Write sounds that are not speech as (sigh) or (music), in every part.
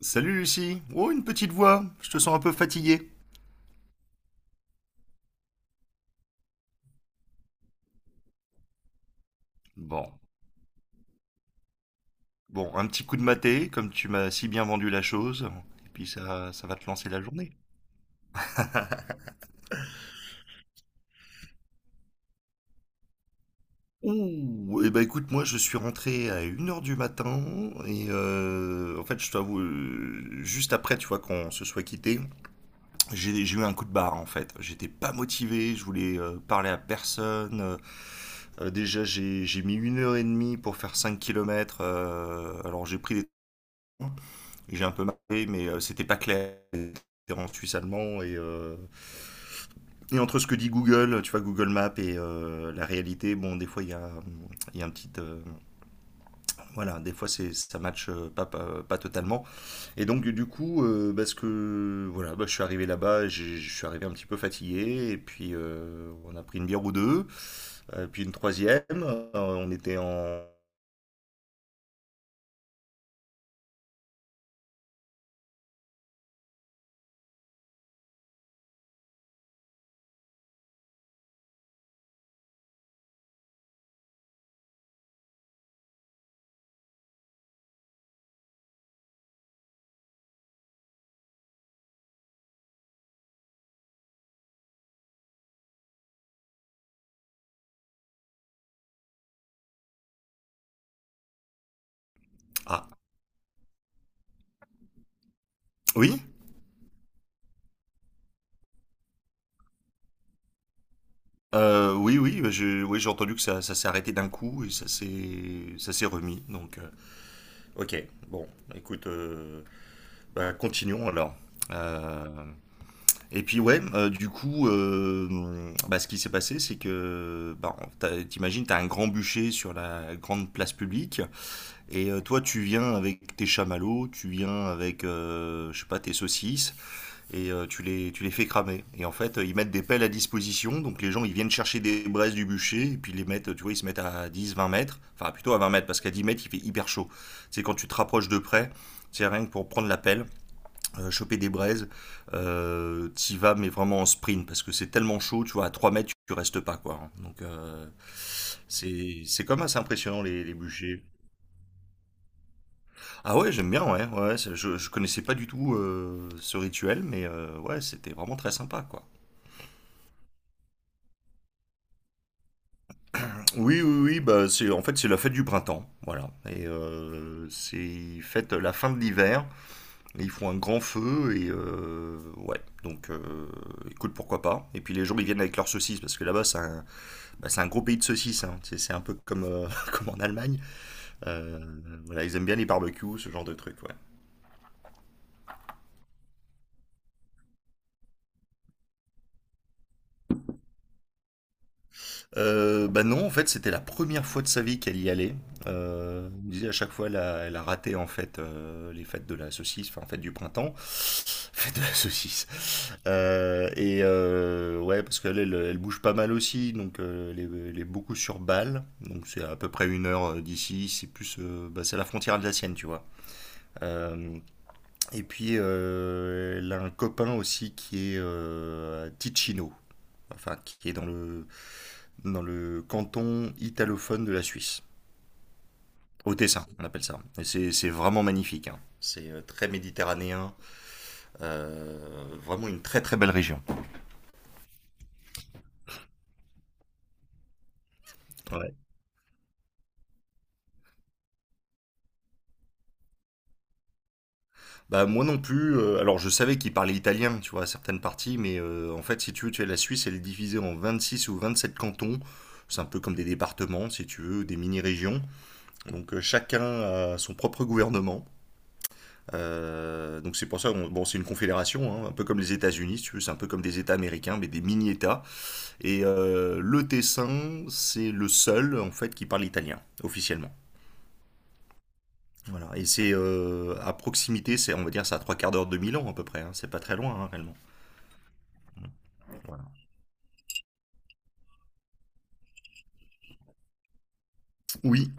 Salut Lucie. Oh, une petite voix. Je te sens un peu fatiguée. Bon, bon, un petit coup de maté, comme tu m'as si bien vendu la chose. Et puis ça va te lancer la journée. Ouh, eh ben écoute, moi je suis rentré à 1 heure du matin et en fait je t'avoue, juste après tu vois qu'on se soit quitté, j'ai eu un coup de barre en fait. J'étais pas motivé, je voulais parler à personne. Déjà j'ai mis 1 heure et demie pour faire 5 kilomètres, alors j'ai pris des trains. J'ai un peu marqué, mais c'était pas clair. C'était en suisse allemand et et entre ce que dit Google, tu vois, Google Maps et la réalité, bon, des fois, il y a un petit, voilà, des fois, ça match pas totalement. Et donc, du coup, parce que voilà, bah, je suis arrivé là-bas, je suis arrivé un petit peu fatigué, et puis on a pris une bière ou deux, puis une troisième. On était en. Ah, oui. Oui, oui, bah, oui, j'ai entendu que ça s'est arrêté d'un coup et ça s'est remis. Donc, ok, bon, écoute, bah, continuons alors. Euh, et puis ouais, du coup, bah, ce qui s'est passé, c'est que, bah, t'imagines, t'as un grand bûcher sur la grande place publique, et toi, tu viens avec tes chamallows, tu viens avec, je sais pas, tes saucisses, et tu les fais cramer. Et en fait, ils mettent des pelles à disposition, donc les gens ils viennent chercher des braises du bûcher, et puis ils les mettent, tu vois, ils se mettent à 10 20 mètres, enfin plutôt à 20 mètres, parce qu'à 10 mètres il fait hyper chaud. C'est quand tu te rapproches de près, c'est rien que pour prendre la pelle, choper des braises, t'y vas, mais vraiment en sprint, parce que c'est tellement chaud, tu vois, à 3 mètres tu restes pas, quoi, hein. Donc c'est quand même assez impressionnant les bûchers. Ah ouais, j'aime bien, ouais, ouais, je connaissais pas du tout ce rituel, mais ouais, c'était vraiment très sympa, quoi. Oui, oui, oui, bah c'est en fait c'est la fête du printemps, voilà. Et c'est fête la fin de l'hiver. Et ils font un grand feu et ouais. Donc écoute, pourquoi pas. Et puis les gens ils viennent avec leurs saucisses parce que là-bas c'est un gros pays de saucisses, hein. C'est un peu comme (laughs) comme en Allemagne. Euh, voilà, ils aiment bien les barbecues, ce genre de trucs. Ouais. Bah non, en fait, c'était la première fois de sa vie qu'elle y allait. Elle me disait à chaque fois, elle a raté en fait les fêtes de la saucisse, enfin fête du printemps, (laughs) fête de la saucisse. Ouais, parce qu'elle, elle, elle bouge pas mal aussi, donc elle est beaucoup sur Bâle, donc c'est à peu près 1 heure d'ici. C'est plus, bah, c'est la frontière alsacienne, tu vois. Euh, et puis elle a un copain aussi qui est à Ticino, enfin qui est dans le canton italophone de la Suisse. Au Tessin, on appelle ça. Et c'est vraiment magnifique, hein. C'est très méditerranéen. euh, Vraiment une très très belle région. Ouais. Bah moi non plus. Alors je savais qu'ils parlaient italien, tu vois, à certaines parties, mais en fait, si tu veux, tu as la Suisse, elle est divisée en 26 ou 27 cantons. C'est un peu comme des départements, si tu veux, ou des mini-régions. Donc chacun a son propre gouvernement. Donc c'est pour ça, bon, c'est une confédération, hein, un peu comme les États-Unis, si tu veux, c'est un peu comme des États américains, mais des mini-États. Et le Tessin, c'est le seul en fait qui parle italien officiellement. Voilà. Et c'est à proximité, c'est on va dire c'est à trois quarts d'heure de Milan à peu près, hein. C'est pas très loin hein, réellement. Voilà. Oui.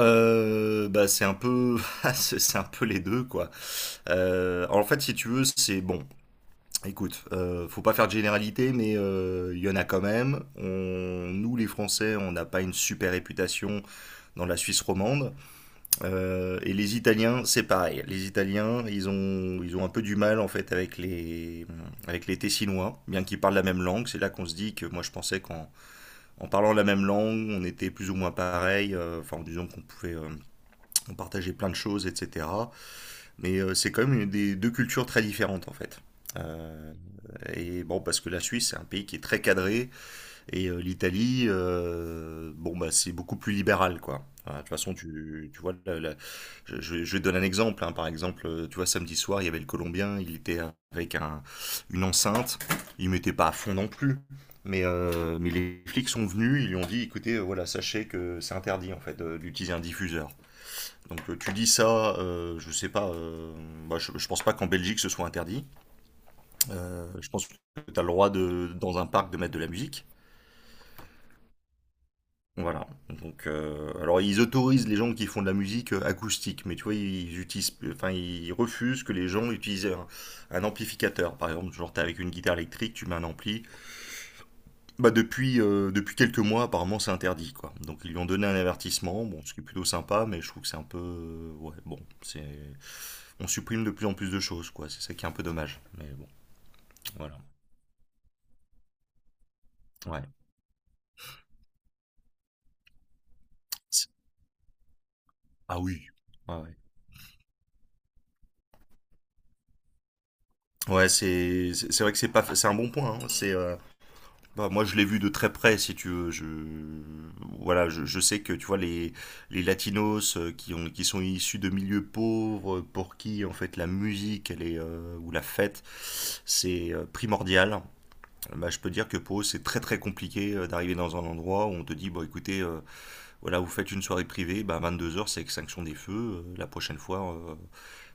Bah c'est un peu, (laughs) c'est un peu les deux quoi. En fait, si tu veux, c'est bon. Écoute, faut pas faire de généralité, mais il y en a quand même. Nous, les Français, on n'a pas une super réputation dans la Suisse romande. Et les Italiens, c'est pareil. Les Italiens, ils ont un peu du mal en fait avec les Tessinois, bien qu'ils parlent la même langue. C'est là qu'on se dit que moi je pensais qu'en en parlant la même langue, on était plus ou moins pareil, enfin en disant qu'on pouvait on partageait plein de choses, etc. Mais c'est quand même une des deux cultures très différentes en fait. Euh, et bon, parce que la Suisse, c'est un pays qui est très cadré, et l'Italie, bon bah c'est beaucoup plus libéral quoi. Enfin, de toute façon, tu vois, je donne un exemple, hein. Par exemple, tu vois, samedi soir, il y avait le Colombien, il était avec un, une enceinte, il mettait pas à fond non plus. Mais les flics sont venus, ils lui ont dit, écoutez, voilà, sachez que c'est interdit en fait d'utiliser un diffuseur. Donc tu dis ça, je sais pas, bah, je pense pas qu'en Belgique ce soit interdit. Je pense que tu as le droit de, dans un parc de mettre de la musique. Voilà. Donc, alors ils autorisent les gens qui font de la musique acoustique, mais tu vois, ils utilisent, enfin, ils refusent que les gens utilisent un amplificateur. Par exemple, genre t'es avec une guitare électrique, tu mets un ampli. Bah depuis quelques mois, apparemment, c'est interdit, quoi. Donc ils lui ont donné un avertissement, bon, ce qui est plutôt sympa, mais je trouve que c'est un peu, ouais, bon, c'est, on supprime de plus en plus de choses, quoi. C'est ça qui est un peu dommage. Mais bon, voilà. Ouais. C'est- Ah oui. Ouais, ouais. Ouais, c'est vrai que c'est pas, c'est un bon point, hein. Bah, moi, je l'ai vu de très près, si tu veux. Voilà, je sais que, tu vois, les latinos qui sont issus de milieux pauvres, pour qui, en fait, la musique, elle est, ou la fête, c'est primordial. Bah, je peux dire que pour eux, c'est très, très compliqué d'arriver dans un endroit où on te dit, bon, écoutez, voilà, vous faites une soirée privée, bah, 22 heures c'est extinction des feux. euh, la prochaine fois, euh,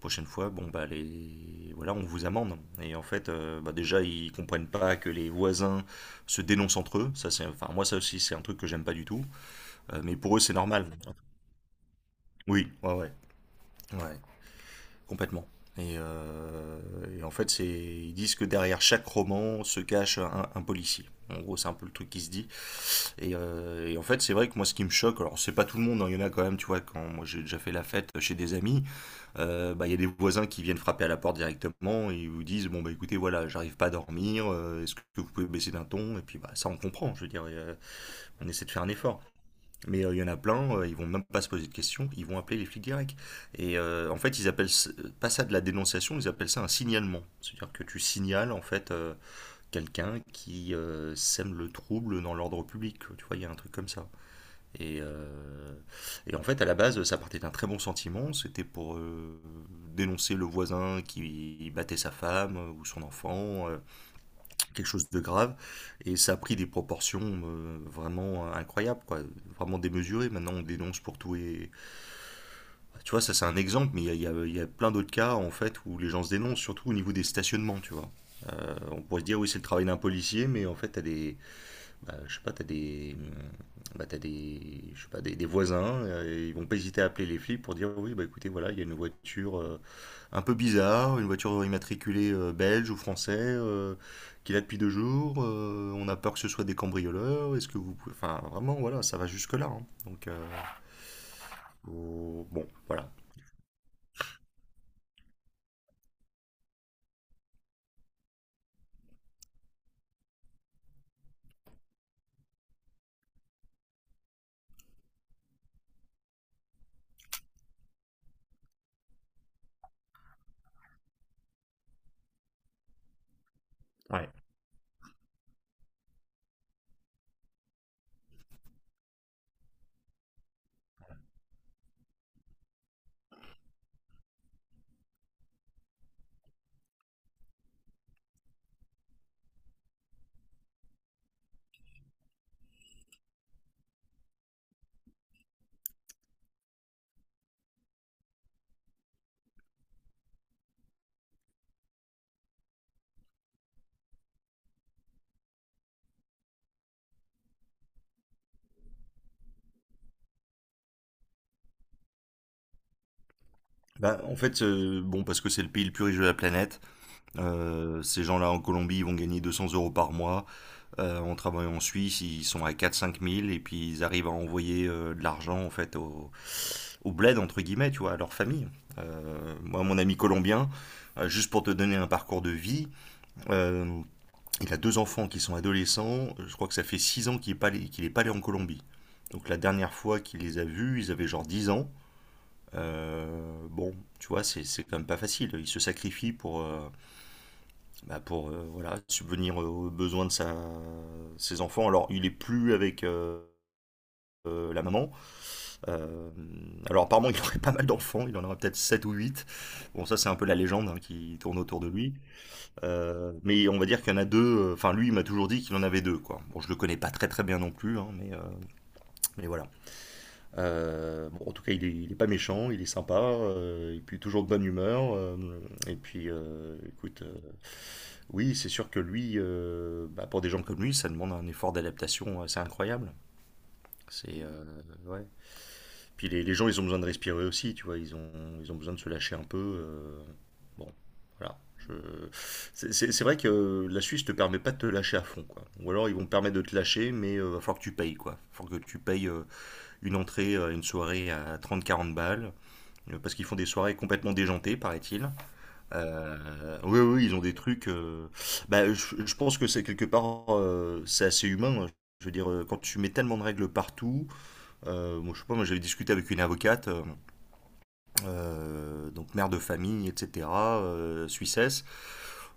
Prochaine fois, bon bah les voilà, on vous amende. Et en fait, bah, déjà ils comprennent pas que les voisins se dénoncent entre eux. Ça c'est, enfin moi ça aussi c'est un truc que j'aime pas du tout. Mais pour eux c'est normal. Oui, ouais, ouais, ouais, complètement. Et, euh, et en fait c'est, ils disent que derrière chaque roman se cache un policier. En gros, c'est un peu le truc qui se dit. Et en fait, c'est vrai que moi, ce qui me choque, alors c'est pas tout le monde, hein, il y en a quand même, tu vois, quand moi j'ai déjà fait la fête chez des amis, bah, il y a des voisins qui viennent frapper à la porte directement et ils vous disent bon bah écoutez voilà j'arrive pas à dormir, est-ce que vous pouvez baisser d'un ton, et puis bah ça on comprend, je veux dire, on essaie de faire un effort, mais il y en a plein, ils vont même pas se poser de questions, ils vont appeler les flics directs. Et en fait pas ça de la dénonciation, ils appellent ça un signalement, c'est-à-dire que tu signales en fait quelqu'un qui sème le trouble dans l'ordre public, tu vois, il y a un truc comme ça. Et, euh, et en fait, à la base, ça partait d'un très bon sentiment. C'était pour dénoncer le voisin qui battait sa femme ou son enfant, quelque chose de grave. Et ça a pris des proportions vraiment incroyables, quoi, vraiment démesurées. Maintenant, on dénonce pour tout et Bah, tu vois, ça c'est un exemple, mais il y a plein d'autres cas, en fait, où les gens se dénoncent, surtout au niveau des stationnements, tu vois. On pourrait se dire, oui, c'est le travail d'un policier, mais en fait, je sais pas, t'as des, je sais pas, des voisins, ils vont pas hésiter à appeler les flics pour dire oui, bah écoutez, voilà, il y a une voiture un peu bizarre, une voiture immatriculée belge ou français, qui est là depuis deux jours, on a peur que ce soit des cambrioleurs, est-ce que vous pouvez... Enfin, vraiment, voilà, ça va jusque-là. Hein. Donc, bon, voilà. Ouais. Bon, parce que c'est le pays le plus riche de la planète. Ces gens-là en Colombie, ils vont gagner 200 euros par mois. En travaillant en Suisse, ils sont à 4-5 000 et puis ils arrivent à envoyer de l'argent en fait au bled entre guillemets, tu vois, à leur famille. Moi, mon ami colombien, juste pour te donner un parcours de vie, euh, il a deux enfants qui sont adolescents. Je crois que ça fait 6 ans qu'il est pas allé en Colombie. Donc la dernière fois qu'il les a vus, ils avaient genre 10 ans. Bon, tu vois, c'est quand même pas facile. Ils se sacrifient pour voilà, subvenir aux besoins de ses enfants. Alors, il est plus avec la maman. Euh, alors, apparemment, (laughs) il aurait pas mal d'enfants. Il en aurait peut-être 7 ou huit. Bon, ça, c'est un peu la légende hein, qui tourne autour de lui. Mais on va dire qu'il y en a deux. Enfin, lui, il m'a toujours dit qu'il en avait deux. Quoi. Bon, je le connais pas très très bien non plus, hein, mais voilà. Bon, en tout cas, il est pas méchant, il est sympa, et puis toujours de bonne humeur. Écoute, oui, c'est sûr que lui, pour des gens comme lui, ça demande un effort d'adaptation assez incroyable. C'est Ouais. Puis les gens, ils ont besoin de respirer aussi, tu vois. Ils ont besoin de se lâcher un peu. Bon, voilà. Je... C'est vrai que la Suisse te permet pas de te lâcher à fond, quoi. Ou alors ils vont te permettre de te lâcher, mais va falloir que tu payes, quoi. Va falloir que tu payes une entrée à une soirée à trente, quarante balles, parce qu'ils font des soirées complètement déjantées, paraît-il. Oui, oui, ils ont des trucs. Je pense que c'est quelque part, c'est assez humain. Hein. Je veux dire, quand tu mets tellement de règles partout, moi, je sais pas, moi j'avais discuté avec une avocate. Donc mère de famille, etc., Suissesse.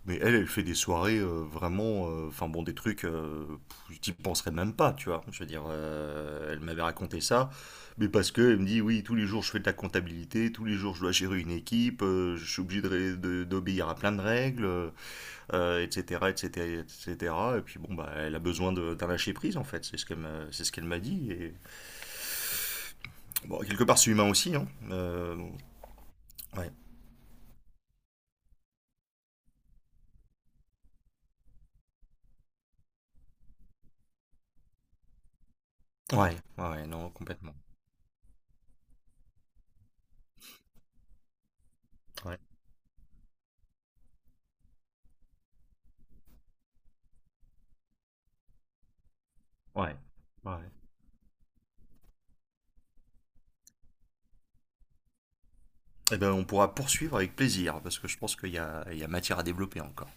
Mais elle, elle fait des soirées vraiment, enfin bon, des trucs, pff, j'y penserais même pas, tu vois. Je veux dire, elle m'avait raconté ça, mais parce que elle me dit, oui, tous les jours je fais de la comptabilité, tous les jours je dois gérer une équipe, je suis obligé de d'obéir à plein de règles, etc., etc., etc. Et cetera. Et puis bon, bah, elle a besoin d'un lâcher prise en fait, c'est ce qu'elle m'a dit. Et bon, quelque part, c'est humain aussi, hein. Bon, ouais. Ouais, ouais, ouais, non, complètement. Ouais, ouais, ouais. Eh ben, on pourra poursuivre avec plaisir, parce que je pense il y a matière à développer encore.